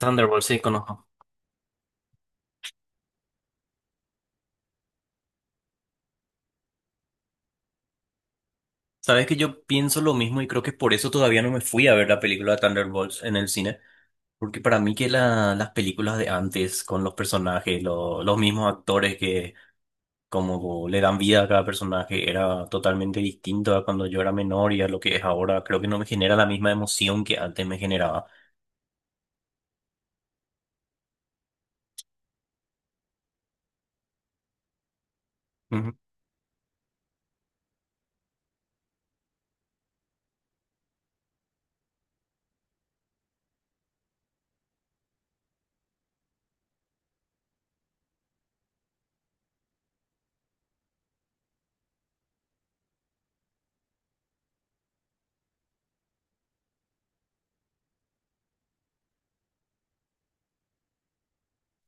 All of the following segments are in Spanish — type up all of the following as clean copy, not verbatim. Thunderbolts sí, conozco. Sabes que yo pienso lo mismo y creo que por eso todavía no me fui a ver la película de Thunderbolts en el cine. Porque para mí que las películas de antes, con los personajes, los mismos actores que como le dan vida a cada personaje, era totalmente distinto a cuando yo era menor y a lo que es ahora. Creo que no me genera la misma emoción que antes me generaba.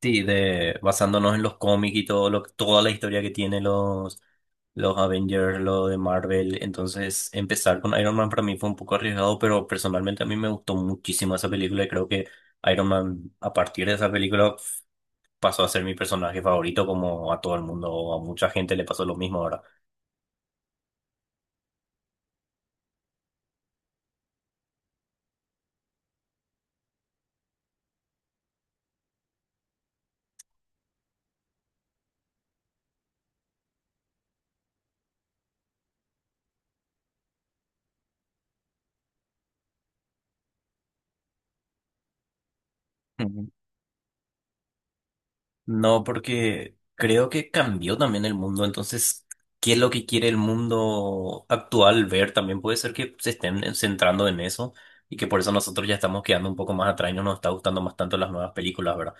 Sí, de, basándonos en los cómics y todo lo, toda la historia que tiene los Avengers, lo de Marvel. Entonces, empezar con Iron Man para mí fue un poco arriesgado, pero personalmente a mí me gustó muchísimo esa película y creo que Iron Man, a partir de esa película, pasó a ser mi personaje favorito, como a todo el mundo, a mucha gente le pasó lo mismo ahora. No, porque creo que cambió también el mundo. Entonces, ¿qué es lo que quiere el mundo actual ver? También puede ser que se estén centrando en eso y que por eso nosotros ya estamos quedando un poco más atrás y no nos está gustando más tanto las nuevas películas, ¿verdad?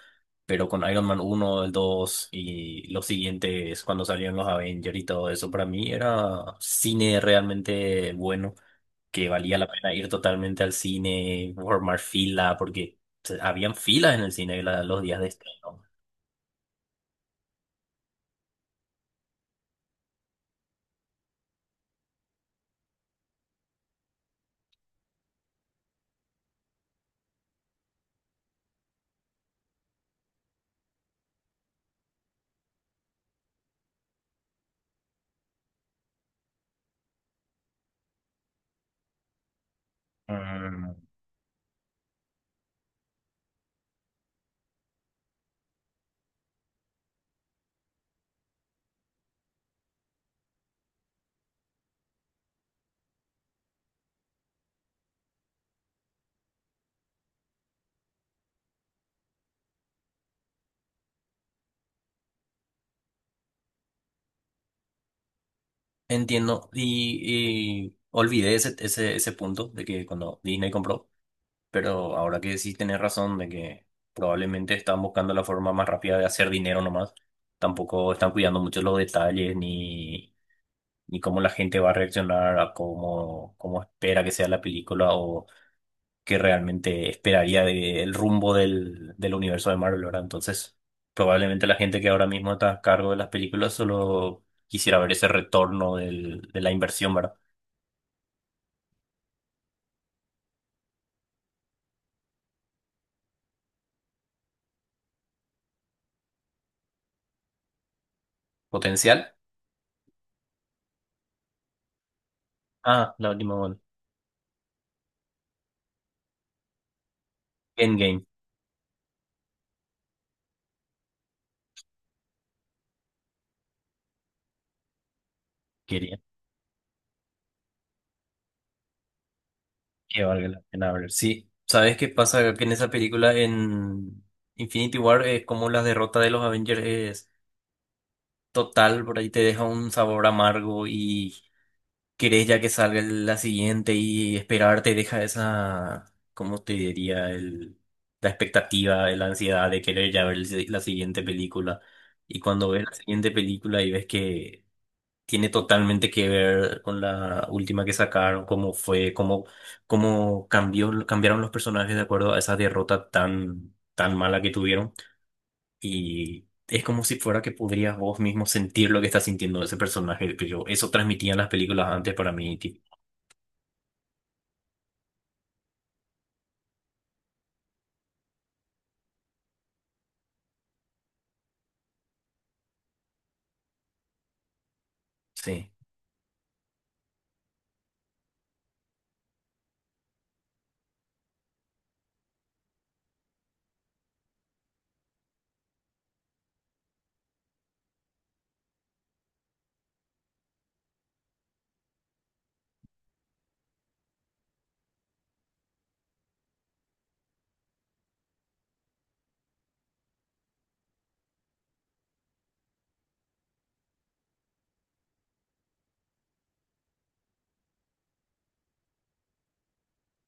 Pero con Iron Man uno, el 2 y los siguientes, cuando salieron los Avengers y todo eso, para mí era cine realmente bueno, que valía la pena ir totalmente al cine, formar fila, porque o sea, habían filas en el cine los días de estreno. Mm, Entiendo. Y olvidé ese, ese, ese punto de que cuando Disney compró, pero ahora que sí tenés razón de que probablemente están buscando la forma más rápida de hacer dinero nomás. Tampoco están cuidando mucho los detalles ni, ni cómo la gente va a reaccionar a cómo, cómo espera que sea la película o que realmente esperaría del rumbo del universo de Marvel, ¿verdad? Entonces, probablemente la gente que ahora mismo está a cargo de las películas solo quisiera ver ese retorno de la inversión, ¿verdad? Potencial. Ah, la última, bueno. Endgame, quería que valga la pena ver. Sí, ¿sabes qué pasa? Que en esa película, en Infinity War, es como la derrota de los Avengers es total, por ahí te deja un sabor amargo y querés ya que salga la siguiente y esperar te deja esa, ¿cómo te diría? El, la expectativa, la ansiedad de querer ya ver la siguiente película. Y cuando ves la siguiente película y ves que tiene totalmente que ver con la última que sacaron, cómo fue, cómo, cómo cambió, cambiaron los personajes de acuerdo a esa derrota tan, tan mala que tuvieron. Y es como si fuera que podrías vos mismo sentir lo que está sintiendo ese personaje. Que yo, eso transmitían las películas antes para mí. Sí,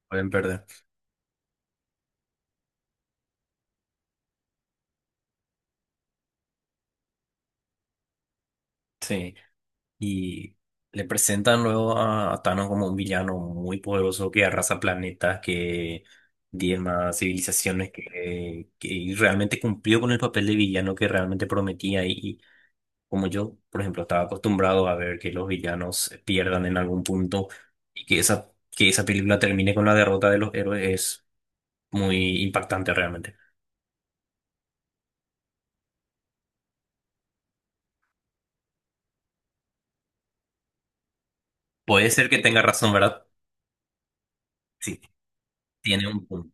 pueden perder. Sí. Y le presentan luego a Thanos como un villano muy poderoso que arrasa planetas, que diezma civilizaciones, que y realmente cumplió con el papel de villano que realmente prometía. Y como yo, por ejemplo, estaba acostumbrado a ver que los villanos pierdan en algún punto y que esa película termine con la derrota de los héroes es muy impactante realmente. Puede ser que tenga razón, ¿verdad? Sí, tiene un punto.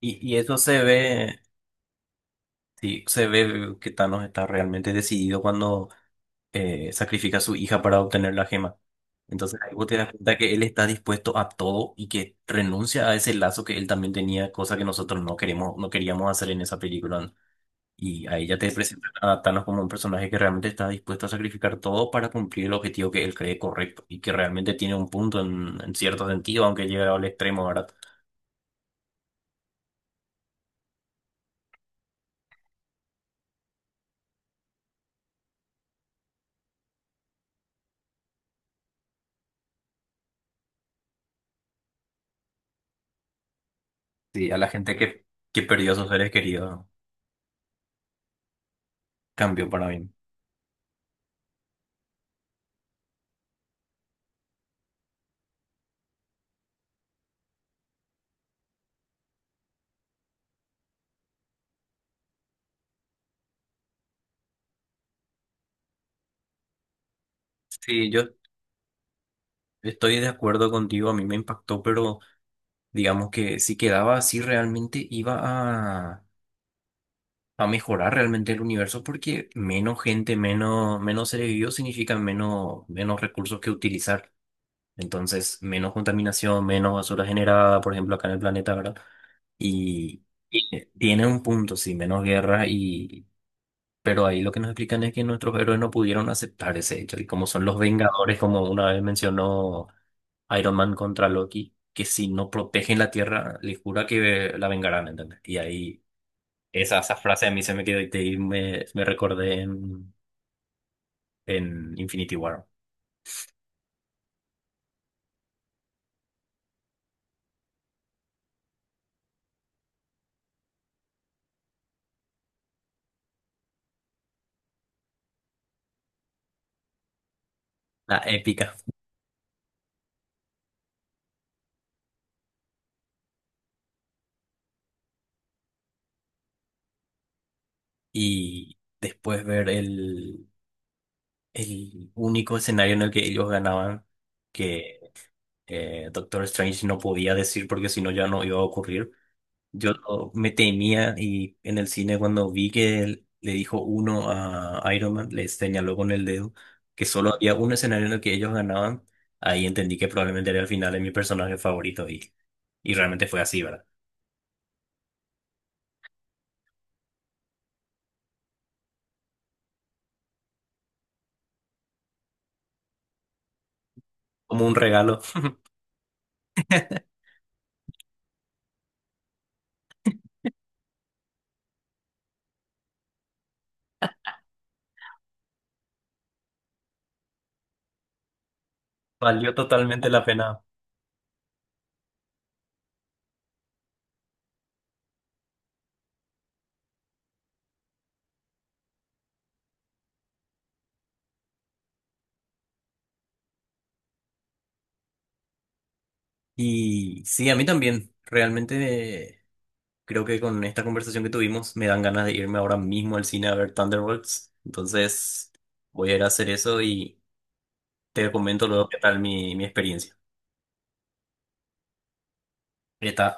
Y eso se ve. Sí, se ve que Thanos está realmente decidido cuando sacrifica a su hija para obtener la gema. Entonces ahí vos te das cuenta que él está dispuesto a todo y que renuncia a ese lazo que él también tenía, cosa que nosotros no queremos, no queríamos hacer en esa película. Y ahí ya te presentan a Thanos como un personaje que realmente está dispuesto a sacrificar todo para cumplir el objetivo que él cree correcto y que realmente tiene un punto en cierto sentido, aunque llega al extremo, ¿verdad? Sí, a la gente que perdió a sus seres queridos, cambió para bien. Sí, yo Estoy de acuerdo contigo, a mí me impactó, pero digamos que si quedaba así realmente iba a mejorar realmente el universo porque menos gente, menos, menos seres vivos significa menos, menos recursos que utilizar. Entonces, menos contaminación, menos basura generada, por ejemplo, acá en el planeta, ¿verdad? Y tiene un punto, sí, menos guerra y... Pero ahí lo que nos explican es que nuestros héroes no pudieron aceptar ese hecho y como son los Vengadores, como una vez mencionó... Iron Man contra Loki, que si no protegen la Tierra, les jura que la vengarán, ¿entendés? Y ahí esa, esa frase a mí se me quedó y y me recordé en Infinity War, la épica. Y después ver el único escenario en el que ellos ganaban, que Doctor Strange no podía decir porque si no ya no iba a ocurrir. Me temía y en el cine cuando vi que él le dijo uno a Iron Man, le señaló con el dedo que solo había un escenario en el que ellos ganaban, ahí entendí que probablemente era el final de mi personaje favorito y realmente fue así, ¿verdad? Como un regalo, valió totalmente la pena. Y sí, a mí también, realmente creo que con esta conversación que tuvimos me dan ganas de irme ahora mismo al cine a ver Thunderbolts, entonces voy a ir a hacer eso y te comento luego qué tal mi, mi experiencia. Eta